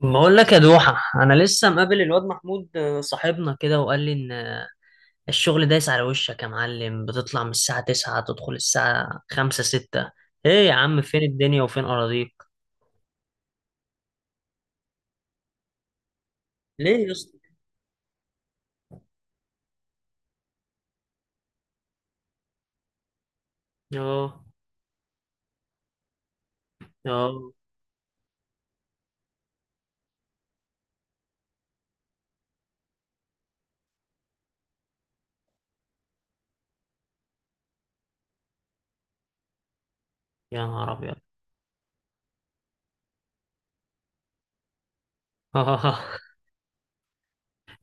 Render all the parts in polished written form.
بقول لك يا دوحة، أنا لسه مقابل الواد محمود، صاحبنا كده وقال لي إن الشغل دايس على وشك يا معلم. بتطلع من الساعة تسعة، تدخل الساعة خمسة ستة. إيه يا عم، فين الدنيا وفين أراضيك؟ ليه يا اسطى؟ آه، آه. يا نهار أبيض. آه.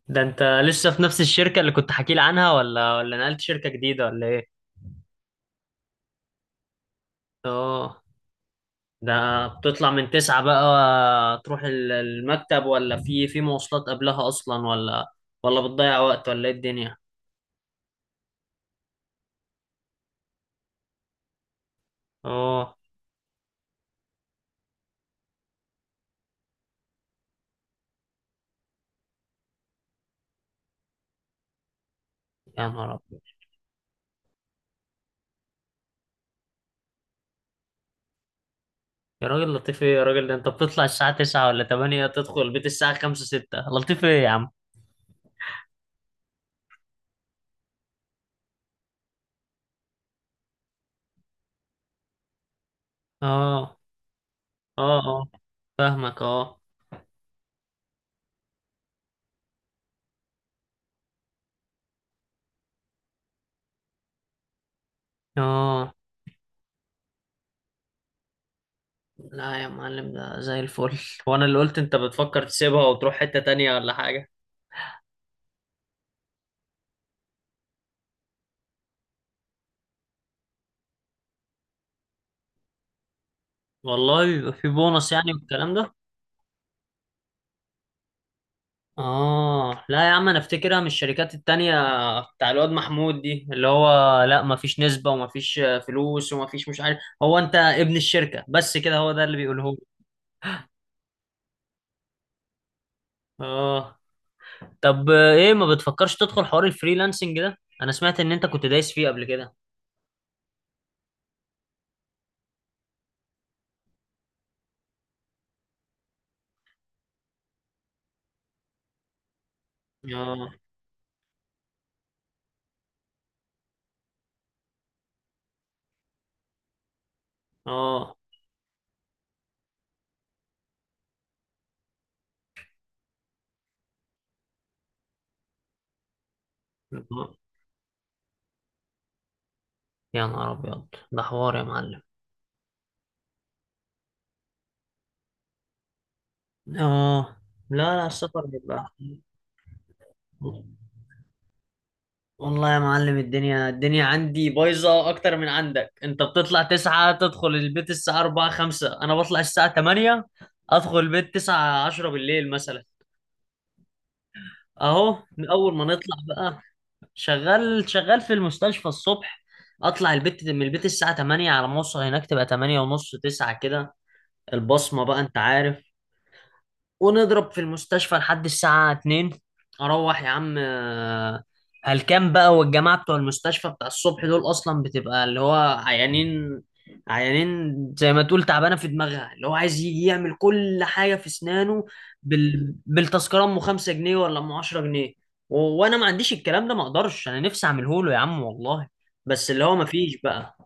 ده أنت لسه في نفس الشركة اللي كنت حكي لي عنها، ولا نقلت شركة جديدة ولا إيه؟ آه. ده بتطلع من تسعة بقى تروح المكتب، ولا في مواصلات قبلها أصلا، ولا بتضيع وقت، ولا إيه الدنيا؟ اه. يا نهار ابيض. يا راجل، لطيف ايه يا راجل؟ ده انت بتطلع الساعة 9 ولا 8، تدخل البيت الساعة 5 6، لطيف ايه يا عم؟ اه، اه، اه، فاهمك. اه، اه. لا يا معلم، ده زي الفل. وانا اللي قلت انت بتفكر تسيبها وتروح حتة تانية ولا حاجة. والله بيبقى في بونص يعني والكلام ده. اه، لا يا عم، انا افتكرها من الشركات التانية بتاع الواد محمود دي، اللي هو لا مفيش نسبة، ومفيش فلوس، ومفيش مش عارف، هو انت ابن الشركة بس كده، هو ده اللي بيقوله. اه. طب ايه ما بتفكرش تدخل حوار الفريلانسنج ده؟ انا سمعت ان انت كنت دايس فيه قبل كده. اه، اه، يا نهار ابيض، ده حوار يا معلم. اه، لا لا، السفر بيبقى. والله يا معلم، الدنيا الدنيا عندي بايظة أكتر من عندك. أنت بتطلع تسعة تدخل البيت الساعة أربعة خمسة، أنا بطلع الساعة تمانية أدخل البيت تسعة عشرة بالليل مثلا. أهو من أول ما نطلع بقى. شغال شغال في المستشفى الصبح. اطلع البيت، من البيت الساعة 8، على ما اوصل هناك تبقى 8 ونص 9 كده، البصمة بقى انت عارف. ونضرب في المستشفى لحد الساعة 2. اروح يا عم، هلكان بقى. والجماعة بتوع المستشفى بتاع الصبح دول اصلا بتبقى اللي هو عيانين، عيانين زي ما تقول تعبانة في دماغها، اللي هو عايز يجي يعمل كل حاجة في اسنانه بالتذكرة ام 5 جنيه ولا ام 10 جنيه. وانا ما عنديش الكلام ده، ما اقدرش انا نفسي اعمله له يا عم والله. بس اللي هو ما فيش بقى.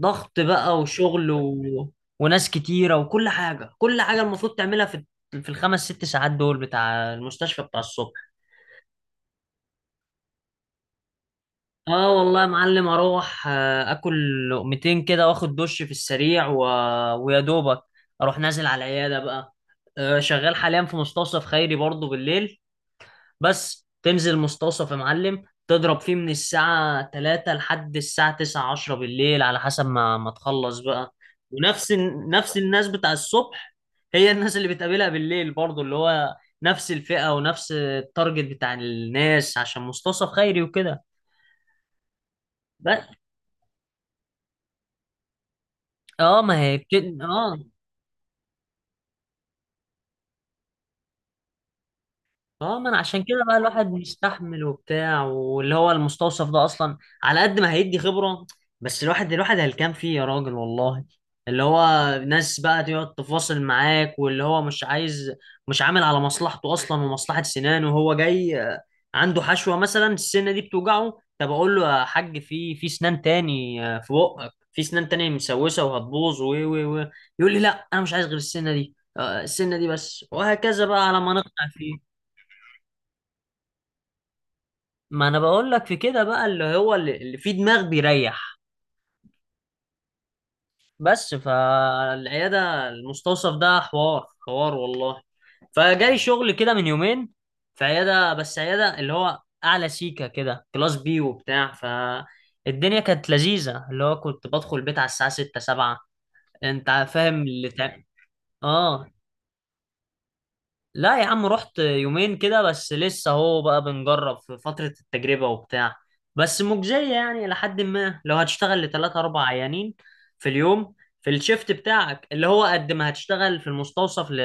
ضغط بقى، وشغل وناس كتيرة، وكل حاجة، كل حاجة المفروض تعملها في في الخمس ست ساعات دول بتاع المستشفى بتاع الصبح. اه، والله يا معلم اروح، اكل لقمتين كده، واخد دش في السريع ويا دوبك اروح نازل على العيادة بقى. شغال حاليا في مستوصف خيري برضه بالليل. بس تنزل مستوصف يا معلم، تضرب فيه من الساعة 3 لحد الساعة 9 10 بالليل، على حسب ما ما تخلص بقى. ونفس ال- نفس الناس بتاع الصبح. هي الناس اللي بتقابلها بالليل برضو اللي هو نفس الفئة ونفس التارجت بتاع الناس، عشان مستوصف خيري وكده. بس اه ما هي اه، اه. ما انا عشان كده بقى الواحد مستحمل وبتاع، واللي هو المستوصف ده اصلا على قد ما هيدي خبرة، بس الواحد الواحد هلكان فيه يا راجل والله. اللي هو ناس بقى تقعد تفاصل معاك، واللي هو مش عايز، مش عامل على مصلحته اصلا ومصلحة سنانه، وهو جاي عنده حشوة مثلا السنة دي بتوجعه. طب اقول له يا حاج في في سنان تاني، في بقك في سنان تانية مسوسة وهتبوظ و و و يقول لي لا انا مش عايز غير السنة دي، السنة دي بس، وهكذا بقى على ما نقنع فيه. ما انا بقول لك في كده بقى اللي هو اللي فيه دماغ بيريح. بس فالعياده، المستوصف ده حوار حوار والله. فجالي شغل كده من يومين في عياده، بس عياده اللي هو اعلى سيكه كده، كلاس بي وبتاع، فالدنيا كانت لذيذه، اللي هو كنت بدخل البيت على الساعه 6 7، انت فاهم اللي اه. لا يا عم، رحت يومين كده بس، لسه اهو بقى بنجرب في فترة التجربة وبتاع. بس مجزية يعني، لحد ما لو هتشتغل لتلاتة أربع عيانين في اليوم، في الشيفت بتاعك، اللي هو قد ما هتشتغل في المستوصف ل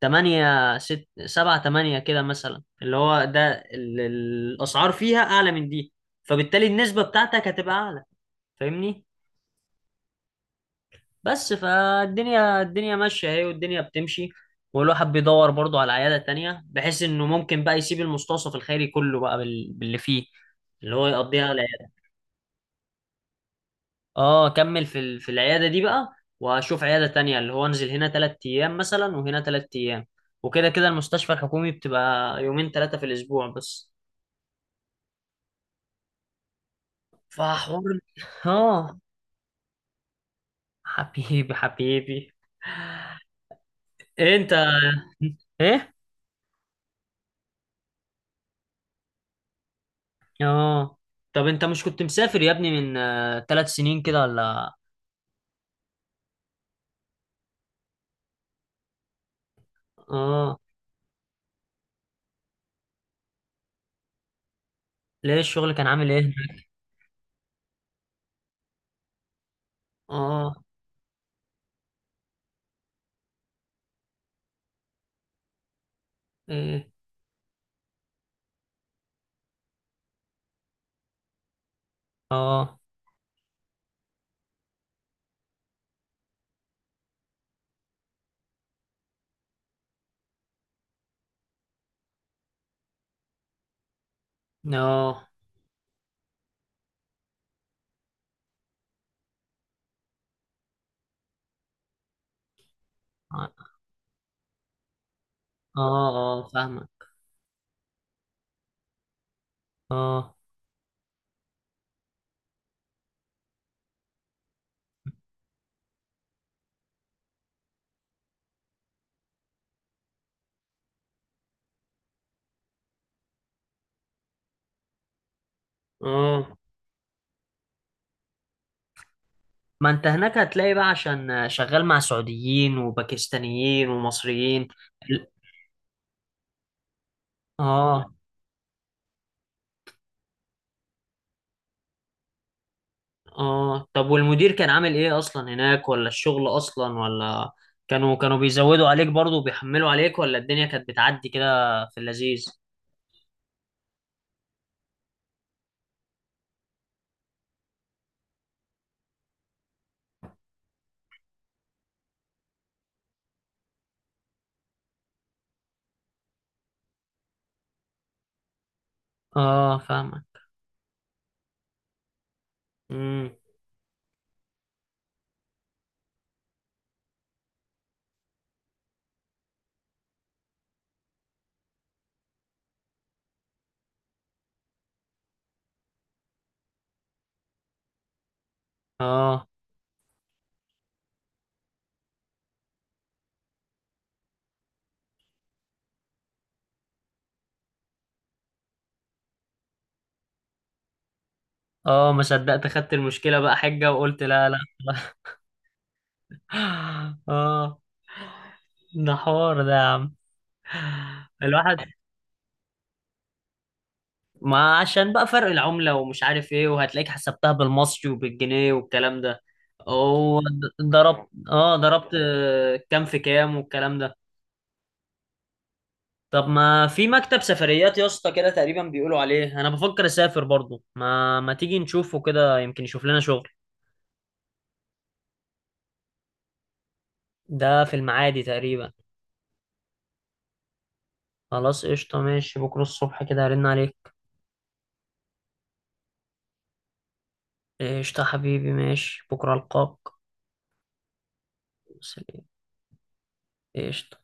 تمانية ست سبعة تمانية كده مثلا، اللي هو ده الأسعار فيها أعلى من دي، فبالتالي النسبة بتاعتك هتبقى أعلى. فاهمني؟ بس فالدنيا الدنيا ماشية اهي، والدنيا بتمشي. والواحد بيدور برضه على عيادة تانية، بحيث انه ممكن بقى يسيب المستوصف الخيري كله بقى باللي فيه، اللي هو يقضيها على العيادة. اه، كمل في العيادة دي بقى، واشوف عيادة تانية، اللي هو انزل هنا 3 ايام مثلا، وهنا 3 ايام. وكده كده المستشفى الحكومي بتبقى يومين تلاتة في الاسبوع بس. فحوار. اه، حبيبي حبيبي. إيه انت؟ ايه. اه، طب انت مش كنت مسافر يا ابني من 3 سنين كده ولا؟ اه. ليه الشغل كان عامل ايه هناك؟ اه، ايه، اه، اه، اه، اه فاهمك، اه، اه. ما انت هناك هتلاقي بقى عشان شغال مع سعوديين وباكستانيين ومصريين. ال- اه، اه. طب والمدير كان عامل ايه اصلا هناك، ولا الشغل اصلا، ولا كانوا بيزودوا عليك برضه وبيحملوا عليك، ولا الدنيا كانت بتعدي كده في اللذيذ؟ اه، فاهمك. امم. اه، اه، ما صدقت، خدت المشكلة بقى حجة، وقلت لا لا. اه. ده حوار ده يا عم. الواحد ما عشان بقى فرق العملة ومش عارف ايه، وهتلاقيك حسبتها بالمصري وبالجنيه والكلام ده. وضربت اه ضربت كام في كام والكلام ده. طب ما في مكتب سفريات يا اسطى كده تقريبا بيقولوا عليه، انا بفكر اسافر برضو، ما ما تيجي نشوفه كده، يمكن يشوف لنا شغل. ده في المعادي تقريبا. خلاص قشطة، ماشي بكرة الصبح كده هرن عليك. قشطة حبيبي، ماشي بكرة ألقاك. سلام. قشطة.